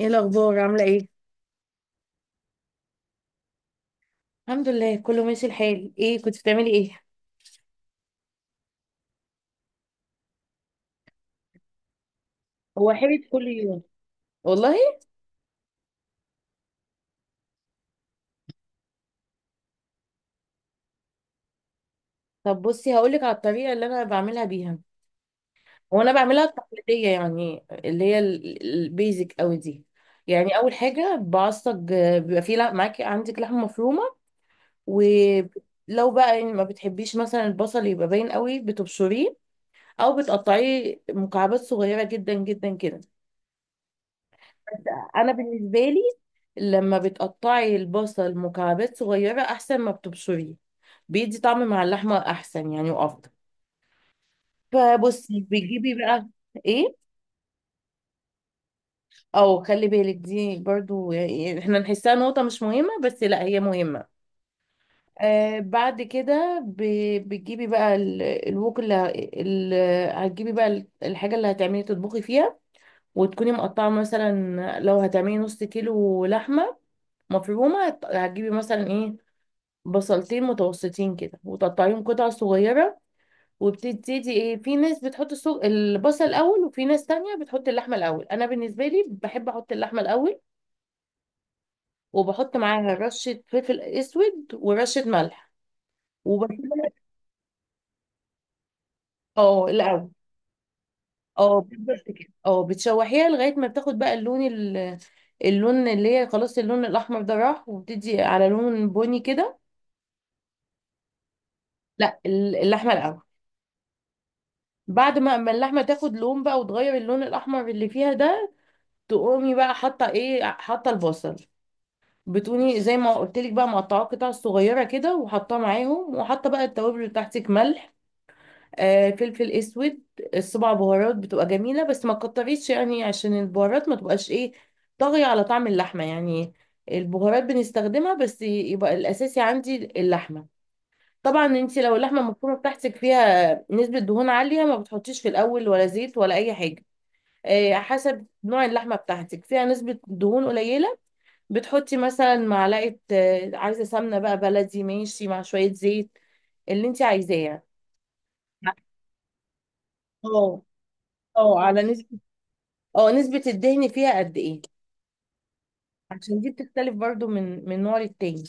ايه الاخبار؟ عامله ايه؟ الحمد لله، كله ماشي. الحال ايه؟ كنت بتعملي ايه؟ هو حلت كل يوم. والله طب بصي، هقولك على الطريقه اللي انا بعملها بيها. هو انا بعملها التقليديه، يعني اللي هي البيزك قوي دي. يعني اول حاجه بعصج، بيبقى معاكي عندك لحمه مفرومه. ولو بقى يعني ما بتحبيش مثلا البصل يبقى باين قوي، بتبشريه. او بتقطعيه مكعبات صغيره جدا جدا كده. انا بالنسبه لي، لما بتقطعي البصل مكعبات صغيره احسن ما بتبشريه. بيدي طعم مع اللحمه احسن يعني وافضل. فبصي بتجيبي بقى ايه. او خلي بالك، دي برضو يعني احنا نحسها نقطه مش مهمه، بس لا، هي مهمه. بعد كده بتجيبي الوك هتجيبي الحاجه اللي هتعملي تطبخي فيها. وتكوني مقطعه، مثلا لو هتعملي نص كيلو لحمه مفرومه، هتجيبي مثلا ايه، بصلتين متوسطين كده وتقطعيهم قطع صغيرة. وبتبتدي ايه، في ناس بتحط البصل الأول، وفي ناس تانية بتحط اللحمة الأول. أنا بالنسبة لي بحب أحط اللحمة الأول وبحط معاها رشة فلفل أسود ورشة ملح. وبسيب. اه، الأول. اه، بالظبط كده. اه، بتشوحيها لغاية ما بتاخد بقى اللون اللي هي خلاص، اللون الأحمر ده راح وبتدي على لون بني كده. لا، اللحمة الأول. بعد ما اللحمة تاخد لون بقى وتغير اللون الأحمر اللي فيها ده، تقومي بقى حاطه ايه، حاطه البصل. بتقومي زي ما قلت لك بقى مقطعاه قطع صغيره كده وحاطاه معاهم، وحاطه بقى التوابل بتاعتك، ملح، فلفل اسود. السبع بهارات بتبقى جميله، بس ما تكتريش يعني، عشان البهارات ما تبقاش ايه، طاغيه على طعم اللحمه يعني. البهارات بنستخدمها بس، يبقى الاساسي عندي اللحمه. طبعا انت لو اللحمه المفرومه بتاعتك فيها نسبه دهون عاليه، ما بتحطيش في الاول ولا زيت ولا اي حاجه. حسب نوع اللحمه بتاعتك، فيها نسبه دهون قليله، بتحطي مثلا معلقة، عايزة سمنة بقى بلدي، ماشي مع شوية زيت اللي انت عايزاه. اه. اه، على نسبة. اه، نسبة الدهن فيها قد ايه. عشان دي بتختلف برضو من نوع للتاني.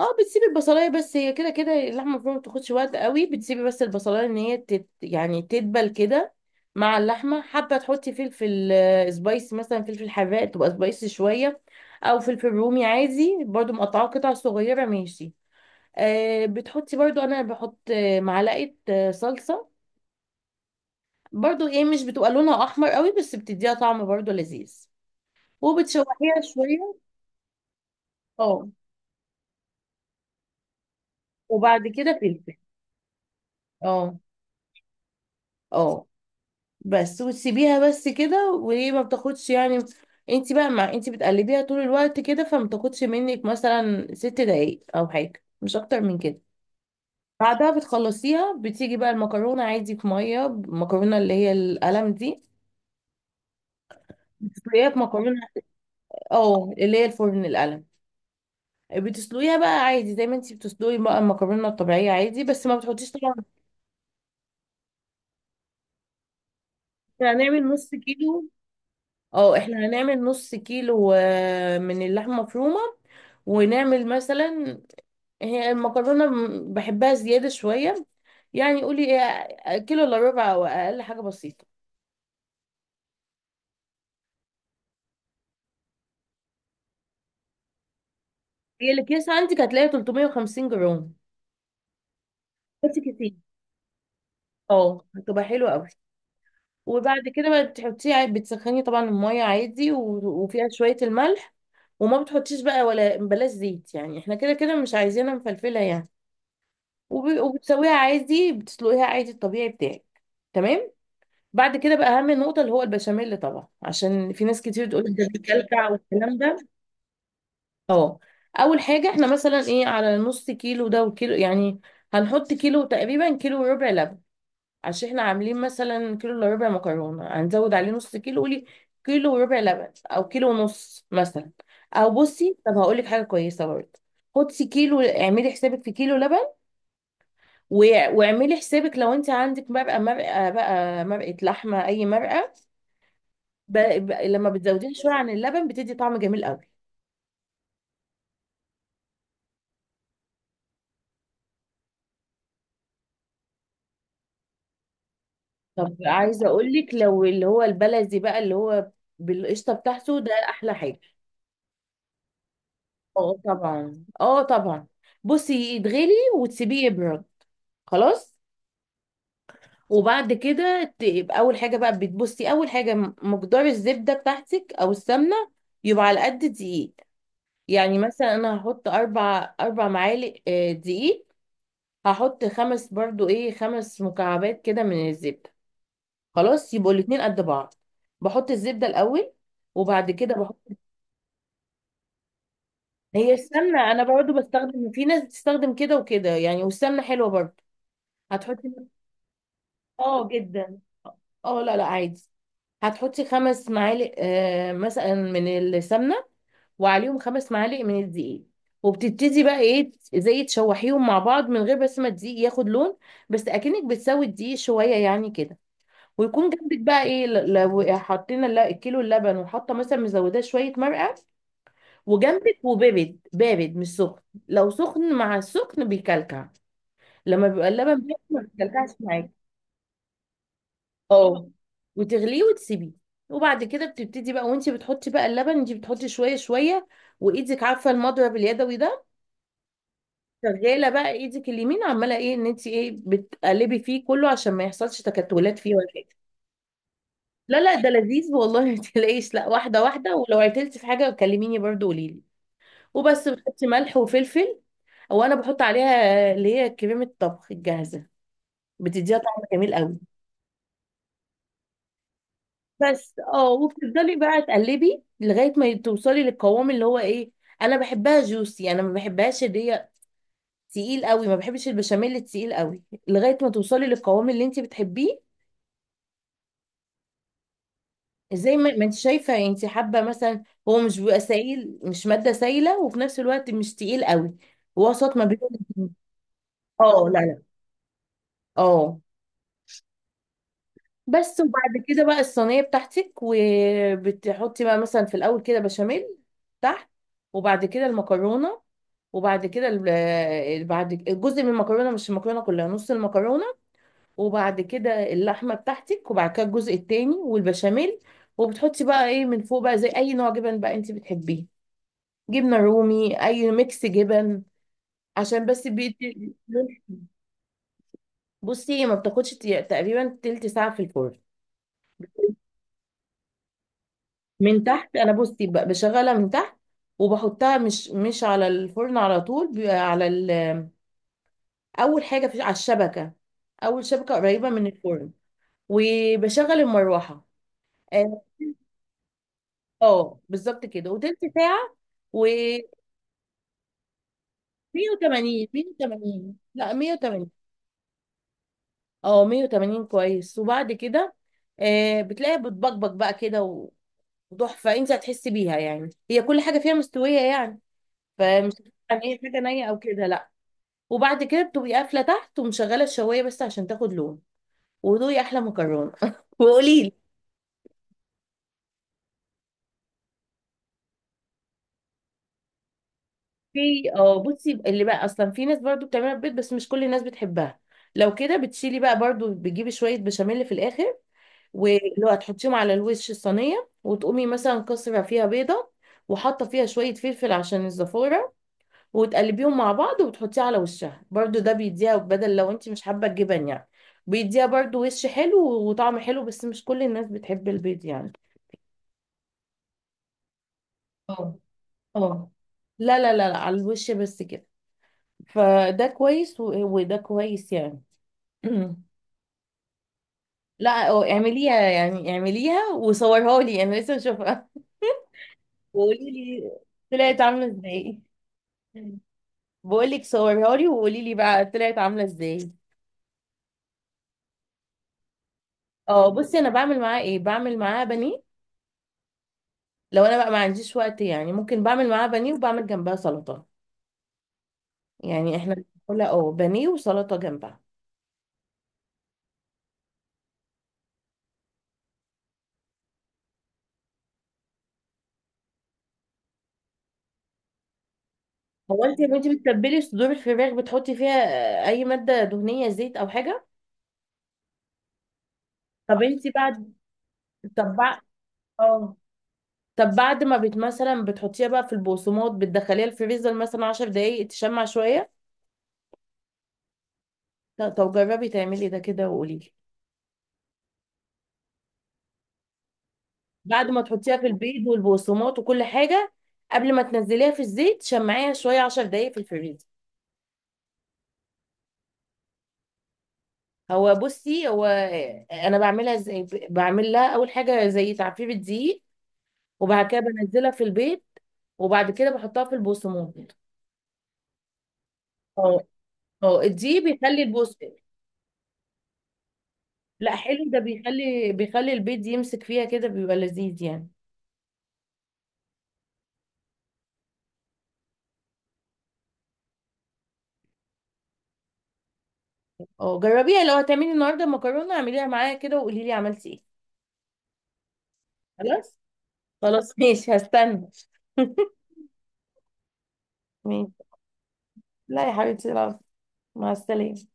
اه، بتسيبي البصلايه بس، هي كده كده اللحمه المفرومه ما بتاخدش وقت قوي. بتسيبي بس البصلايه ان هي تت يعني تدبل كده مع اللحمه. حابه تحطي فلفل، سبايس مثلا فلفل حراق تبقى سبايسي شويه، او فلفل رومي عادي برضو، مقطعاه قطع صغيره. ماشي. بتحطي برضو، انا بحط معلقه صلصه. برضو ايه، مش بتبقى لونها احمر قوي بس بتديها طعم برضو لذيذ. وبتشوحيها شويه. اه. وبعد كده فلفل. اه. اه، بس. وتسيبيها بس كده، وهي ما بتاخدش يعني. انت بقى مع، انت بتقلبيها طول الوقت كده، فما بتاخدش منك مثلا ست دقايق او حاجه، مش اكتر من كده. بعدها بتخلصيها، بتيجي بقى المكرونه عادي في ميه، المكرونه اللي هي القلم دي بتسلقيها في مكرونه. اه، اللي هي الفرن، القلم. بتسلقيها بقى عادي زي ما انتي بتسلقي بقى المكرونه الطبيعيه عادي، بس ما بتحطيش طبعا. احنا هنعمل نص كيلو. اه، احنا هنعمل نص كيلو من اللحمه مفرومه. ونعمل مثلا، هي المكرونه بحبها زياده شويه. يعني قولي ايه، كيلو الا ربع او اقل حاجه بسيطه. هي الاكياس عندك هتلاقيها 350 جرام، بس كتير. اه، هتبقى حلوه قوي. وبعد كده بقى بتحطيه عادي، بتسخني طبعا المية عادي، وفيها شوية الملح. وما بتحطيش بقى، ولا بلاش زيت، يعني احنا كده كده مش عايزينها مفلفلة يعني. وبتسويها عادي، بتسلقيها عادي الطبيعي بتاعك. تمام. بعد كده بقى اهم نقطة اللي هو البشاميل، طبعا عشان في ناس كتير تقول ده بيكلكع والكلام ده. اه. اول حاجة احنا مثلا ايه، على نص كيلو ده وكيلو يعني، هنحط كيلو تقريبا، كيلو وربع لبن. عشان احنا عاملين مثلا كيلو الا ربع مكرونه، هنزود عليه نص كيلو. قولي كيلو وربع لبن او كيلو ونص مثلا. او بصي، طب هقول لك حاجه كويسه برضه، خدي كيلو، اعملي حسابك في كيلو لبن. واعملي حسابك لو انت عندك مرقه، مرقه بقى، مرقه لحمه، اي مرقه. لما بتزوديها شويه عن اللبن بتدي طعم جميل قوي. طب عايزه اقول لك، لو اللي هو البلدي بقى اللي هو بالقشطه بتاعته ده، احلى حاجه. اه طبعا، اه طبعا. بصي يتغلي، وتسيبيه يبرد. خلاص. وبعد كده يبقى اول حاجه بقى بتبصي اول حاجه، مقدار الزبده بتاعتك او السمنه يبقى على قد دقيق. يعني مثلا انا هحط اربع معالق دقيق. هحط خمس برضو ايه، خمس مكعبات كده من الزبده. خلاص يبقوا الاتنين قد بعض. بحط الزبده الاول وبعد كده بحط. هي السمنه انا برضو بستخدم، في ناس بتستخدم كده وكده يعني، والسمنه حلوه برضو. هتحطي. اه، جدا. اه، لا لا، عادي. هتحطي خمس معالق مثلا من السمنه، وعليهم خمس معالق من الدقيق. وبتبتدي بقى ايه، زي تشوحيهم مع بعض، من غير بس ما الدقيق ياخد لون، بس اكنك بتسوي الدقيق شويه يعني كده. ويكون جنبك بقى ايه، لو حطينا الكيلو اللبن وحاطه مثلا مزوداه شويه مرقه، وجنبك، وبارد بارد مش سخن. لو سخن مع السخن بيكلكع. لما بيبقى اللبن بارد ما بيكلكعش معاكي. اه، وتغليه وتسيبيه. وبعد كده بتبتدي بقى، وانت بتحطي بقى اللبن انت بتحطي شويه شويه. وايدك عارفه المضرب اليدوي ده، شغاله بقى. ايدك اليمين عماله ايه، ان انت ايه بتقلبي فيه كله، عشان ما يحصلش تكتلات فيه ولا حاجه. لا لا، ده لذيذ والله، ما تلاقيش لا واحده واحده. ولو عطلتي في حاجه كلميني برضو، قولي لي. وبس بتحطي ملح وفلفل. وانا بحط عليها اللي هي كريمه الطبخ الجاهزه، بتديها طعم جميل قوي. بس اه، وبتفضلي بقى تقلبي لغايه ما توصلي للقوام اللي هو ايه. انا بحبها جوسي، انا ما بحبهاش اللي هي تقيل قوي، ما بحبش البشاميل التقيل قوي. لغايه ما توصلي للقوام اللي انت بتحبيه. زي ما انت شايفه، انت حابه مثلا هو مش بيبقى سائل، مش ماده سائله، وفي نفس الوقت مش تقيل قوي، وسط ما بين الاتنين. اه لا لا. اه، بس. وبعد كده بقى الصينية بتاعتك، وبتحطي بقى مثلا في الأول كده بشاميل تحت، وبعد كده المكرونة، وبعد كده جزء من المكرونة، مش المكرونة كلها، نص المكرونة. وبعد كده اللحمة بتاعتك، وبعد كده الجزء التاني والبشاميل. وبتحطي بقى ايه من فوق بقى زي أي نوع جبن بقى انت بتحبيه، جبنة رومي، أي ميكس جبن، عشان بس بصي هي ما بتاخدش تقريبا تلت ساعة في الفرن. من تحت، انا بصي بشغلها من تحت. وبحطها مش على الفرن على طول، بيبقى على ال، اول حاجه في على الشبكه، اول شبكه قريبه من الفرن. وبشغل المروحه. اه. بالظبط كده، وتلت ساعه. و 180، 180، لا 180. اه، 180 كويس. وبعد كده بتلاقيها بتبقبق بقى كده، وتحفه. انت هتحسي بيها يعني، هي كل حاجه فيها مستويه يعني، فمش يعني اي حاجه نيه او كده، لا. وبعد كده بتبقي قافله تحت ومشغله الشوايه بس عشان تاخد لون. ودوقي احلى مكرونه وقولي لي. في، اه بصي، اللي بقى اصلا في ناس برضو بتعملها في البيت بس مش كل الناس بتحبها. لو كده بتشيلي بقى برضو، بتجيبي شويه بشاميل في الاخر واللي هو هتحطيهم على الوش الصينيه، وتقومي مثلا كسره فيها بيضه وحاطه فيها شويه فلفل عشان الزفاره، وتقلبيهم مع بعض وبتحطيه على وشها برضو. ده بيديها، بدل لو انت مش حابه الجبن يعني، بيديها برضو وش حلو وطعم حلو، بس مش كل الناس بتحب البيض يعني. اه. اه، لا لا لا لا، على الوش بس كده. فده كويس، وده كويس يعني. لا اه، اعمليها يعني، اعمليها وصورها لي، انا لسه اشوفها وقولي لي طلعت عامله ازاي. بقول لك صورها لي وقولي لي بقى طلعت عامله ازاي. اه، بصي انا بعمل معاه ايه، بعمل معاه بانيه. لو انا بقى ما عنديش وقت يعني، ممكن بعمل معاه بانيه وبعمل جنبها سلطه. يعني احنا بناكلها اه، بانيه وسلطه جنبها. هو انت بتتبلي صدور الفراخ، بتحطي فيها اي ماده دهنيه، زيت او حاجه. طب انت بعد، طب بعد، اه، طب بعد ما بت مثلا بتحطيها بقى في البقسماط، بتدخليها الفريزر مثلا 10 دقايق تشمع شويه. طب جربي تعملي ده كده وقولي لي. بعد ما تحطيها في البيض والبقسماط وكل حاجه، قبل ما تنزليها في الزيت، شمعيها شويه 10 دقايق في الفريزر. هو بصي، هو انا بعملها ازاي، بعمل لها اول حاجه زي تعفير الدقيق، وبعد كده بنزلها في البيت، وبعد كده بحطها في البقسماط. اه. اه، دي بيخلي البص. لا، حلو ده، بيخلي البيض يمسك فيها كده، بيبقى لذيذ يعني. اه، جربيها، لو هتعملي النهارده مكرونه اعمليها معايا كده وقولي لي عملتي ايه. خلاص. خلاص ماشي، هستنى. ماشي. لا يا حبيبتي، العفو. مع السلامه.